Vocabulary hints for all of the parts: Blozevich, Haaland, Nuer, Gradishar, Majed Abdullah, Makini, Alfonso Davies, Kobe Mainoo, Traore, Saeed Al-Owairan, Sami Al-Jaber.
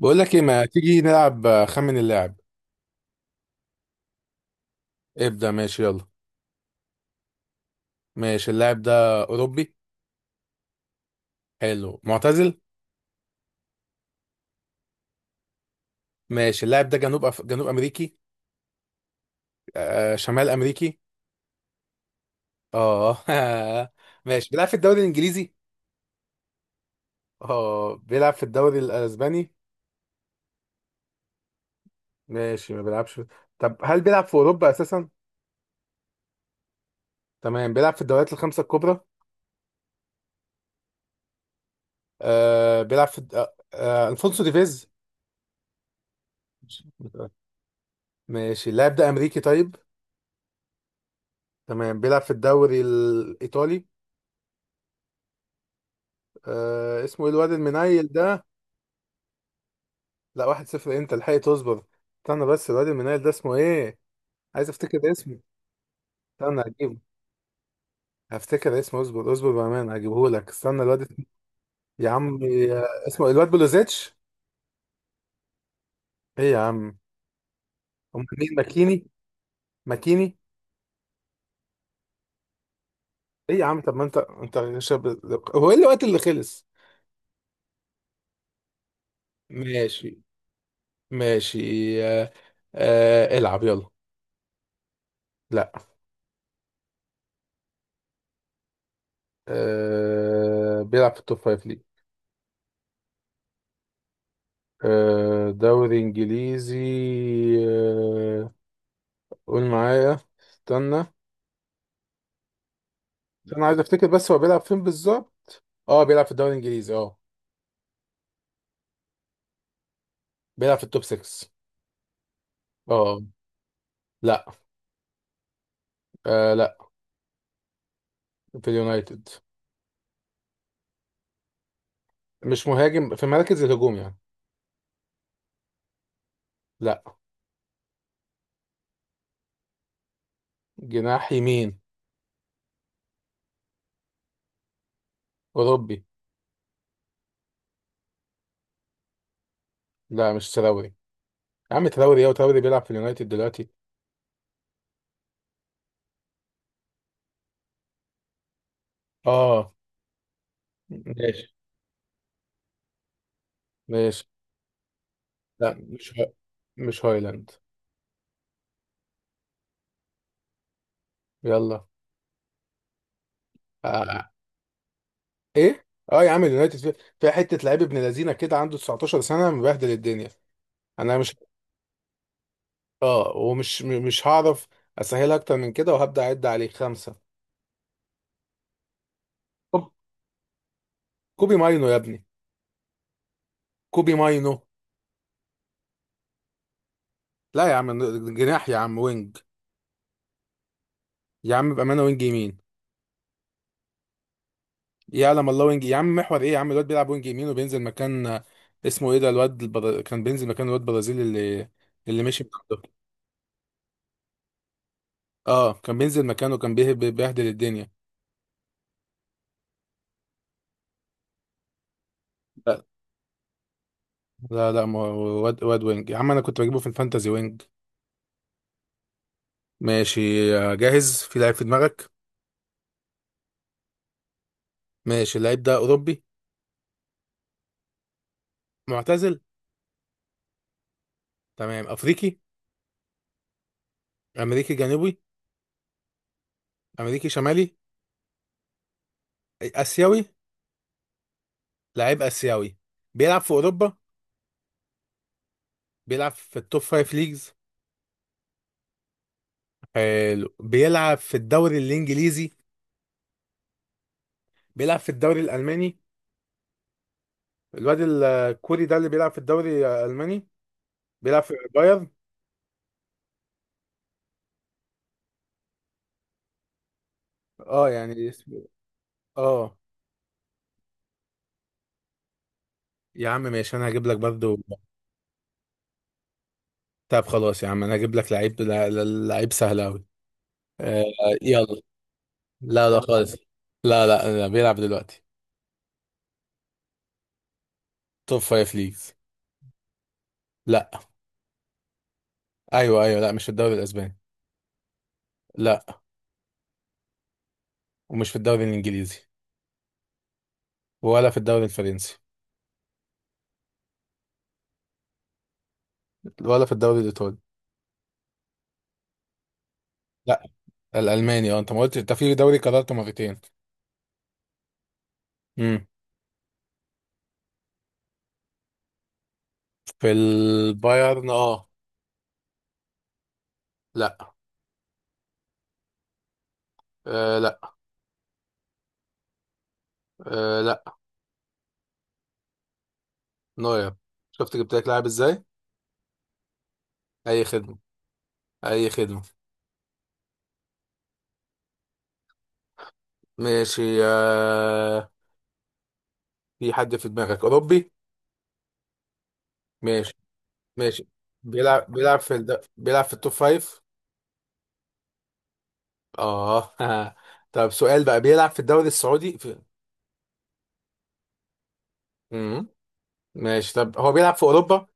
بقول لك ايه ما تيجي نلعب، خمن اللاعب. ابدأ، ماشي، يلا. ماشي، اللاعب ده اوروبي؟ حلو، معتزل؟ ماشي، اللاعب ده جنوب امريكي؟ شمال امريكي؟ اه ماشي، بيلعب في الدوري الانجليزي؟ اه بيلعب في الدوري الاسباني؟ ماشي، ما بيلعبش. طب هل بيلعب في اوروبا اساسا؟ تمام، بيلعب في الدوريات الخمسة الكبرى. بيلعب في الفونسو ديفيز؟ ماشي، اللاعب ده امريكي طيب؟ تمام، بيلعب في الدوري الايطالي. اسمه ايه الواد المنيل ده؟ لا 1-0 إيه، انت الحقي تصبر. استنى بس، الواد المنيل ده اسمه ايه؟ عايز افتكر اسمه. استنى هجيبه. هفتكر اسمه، اصبر اصبر بامانه، هجيبه لك، استنى يا عم، اسمه إيه؟ الواد بلوزيتش. ايه يا عم؟ امال مين، ماكيني؟ ماكيني. ايه يا عم، طب ما انت شاب. هو ايه الوقت اللي خلص؟ ماشي، ماشي. آه العب يلا. لا. بيلعب في التوب فايف ليج. دوري انجليزي. آه، قول معايا، استنى. انا عايز افتكر بس هو بيلعب فين بالظبط. اه بيلعب في الدوري الانجليزي بيلعب في التوب 6. اه. لا. لا. في اليونايتد. مش مهاجم، في مراكز الهجوم يعني. لا. جناح يمين. اوروبي. لا، مش تراوري. يا عم تراوري ايه، وتراوري بيلعب في اليونايتد دلوقتي. اه. ماشي، ماشي. لا مش هايلاند. يلا. آه، ايه. اه يا عم، اليونايتد فيها، فيها حته لعيب ابن لذينه كده عنده 19 سنه مبهدل الدنيا. انا مش اه مش هعرف. اسهلها اكتر من كده وهبدا اعد عليه خمسه. طب كوبي ماينو يا ابني. كوبي ماينو. لا يا عم، جناح يا عم، وينج. يا عم بامانه، وينج يمين. يعلم الله وينج، يا عم محور ايه يا عم، الواد بيلعب وينج يمين وبينزل مكان، اسمه ايه ده، كان بينزل مكان الواد البرازيلي اللي مشي من عنده. اه كان بينزل مكانه، كان بيبهدل الدنيا. لا لا، ما هو واد واد وينج يا عم، انا كنت بجيبه في الفانتازي وينج. ماشي. جاهز؟ في لعيب في دماغك. ماشي، اللعيب ده اوروبي؟ معتزل؟ تمام، افريقي؟ امريكي جنوبي؟ امريكي شمالي؟ اسيوي؟ لعيب اسيوي. بيلعب في اوروبا. بيلعب في التوب فايف ليجز. حلو، بيلعب في الدوري الانجليزي؟ بيلعب في الدوري الالماني. الواد الكوري ده اللي بيلعب في الدوري الالماني. بيلعب في بايرن. اه. يعني اه يا عم ماشي، انا هجيب لك برضو. طب خلاص يا عم، انا هجيب لك لعيب، لعيب سهل قوي. آه يلا. لا لا، خالص. لا لا لا، بيلعب دلوقتي. توب فايف ليجز. لا. ايوه ايوه، لا مش في الدوري الاسباني. لا. ومش في الدوري الانجليزي. ولا في الدوري الفرنسي. ولا في الدوري الايطالي. لا، الالماني. اه انت ما قلتش، انت في دوري قررته مرتين. امم. في البايرن لا. لا. لا. نوير. شفت جبت لك لاعب ازاي. اي خدمه، اي خدمه. ماشي. في حد في دماغك اوروبي. ماشي. ماشي. بيلعب في التوب فايف. اه طب سؤال بقى، بيلعب في الدوري السعودي مم. ماشي، طب هو بيلعب في اوروبا؟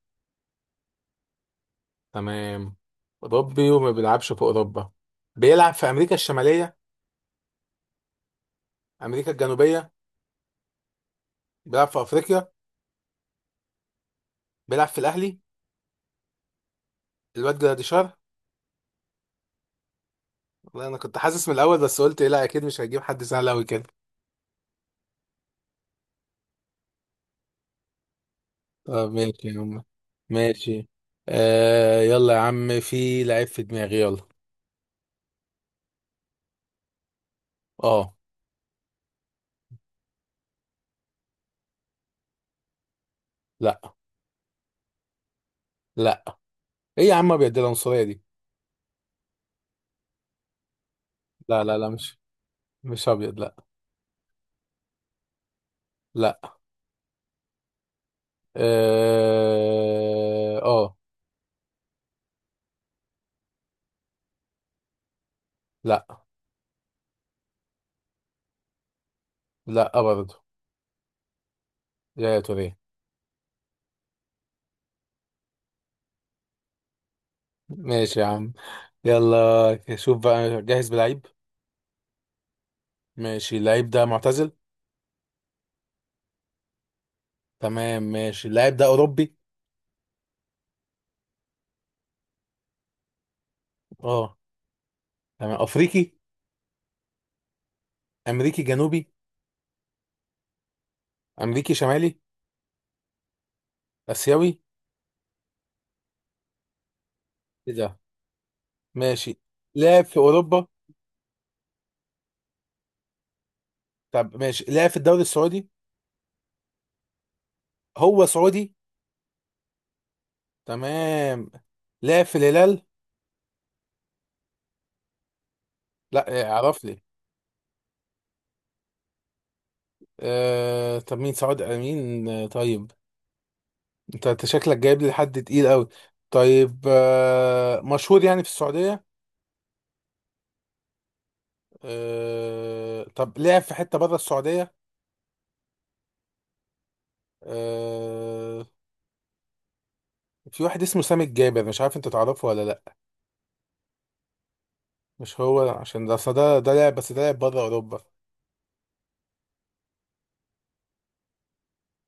تمام. اوروبي وما بيلعبش في اوروبا. بيلعب في امريكا الشماليه؟ امريكا الجنوبيه؟ بيلعب في افريقيا؟ بيلعب في الاهلي؟ الواد جراديشار. والله انا كنت حاسس من الاول، بس قلت إيه، لا اكيد مش هجيب حد سهل قوي كده. طب ماشي يا عم. ماشي. يلا يا عم، في لعيب في دماغي يلا. اه. لا. لا. ايه يا عم، ابيض دي، العنصريه دي. لا لا لا، مش ابيض لا. لا. اه. لا. لا برضه. يا توريه. ماشي يا عم. يلا شوف بقى، جاهز بلعيب. ماشي، اللعيب ده معتزل؟ تمام، ماشي، اللعيب ده اوروبي؟ اه. تمام، افريقي؟ امريكي جنوبي؟ امريكي شمالي؟ اسيوي؟ ايه ده. ماشي. لعب في اوروبا؟ طب ماشي، لعب في الدوري السعودي؟ هو سعودي؟ تمام. لعب في الهلال؟ لا، اعرف لي. طب مين، سعاد امين؟ طيب، أنت شكلك جايب لي حد تقيل قوي. طيب، مشهور يعني في السعوديه؟ طب لعب في حته بره السعوديه؟ آه، في واحد اسمه سامي الجابر، مش عارف انت تعرفه ولا لا؟ مش هو عشان ده أصل ده لاعب، بس ده لاعب بره اوروبا.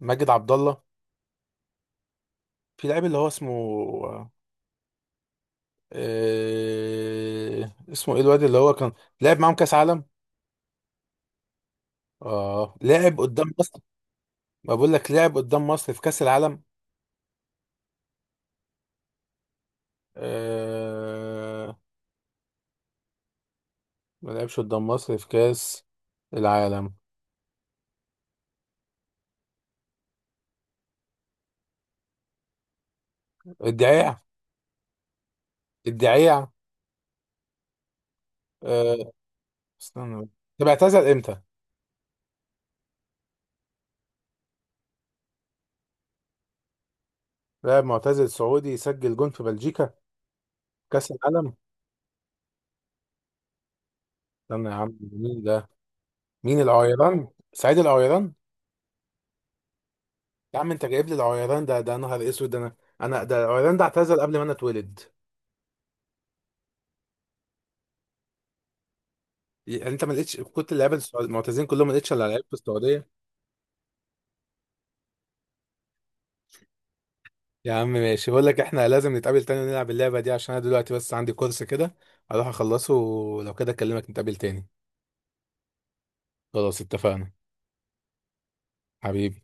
ماجد عبد الله. في لاعب اللي هو اسمه. اسمه ايه الواد اللي هو كان لعب معاهم كاس عالم؟ اه لعب قدام مصر. ما بقول لك لعب قدام مصر في كاس العالم. آه ما لعبش قدام مصر في كأس العالم؟ الدعيع. الدعيع. آه استنى. طب اعتزل امتى؟ لاعب معتزل سعودي يسجل جون في بلجيكا في كأس العالم. استنى يا عم، مين ده؟ مين، العويران؟ سعيد العويران؟ يا عم انت جايب لي العويران ده؟ ده نهار اسود ده، انا ده العويران ده اعتزل قبل ما انا اتولد. يعني انت ما لقيتش، كنت اللعيبه المعتزلين كلهم ما لقيتش الا لعيب في السعوديه. يا عم ماشي، بقول لك احنا لازم نتقابل تاني ونلعب اللعبة دي، عشان انا دلوقتي بس عندي كورس كده. هروح اخلصه، ولو كده اكلمك نتقابل تاني. خلاص، اتفقنا. حبيبي.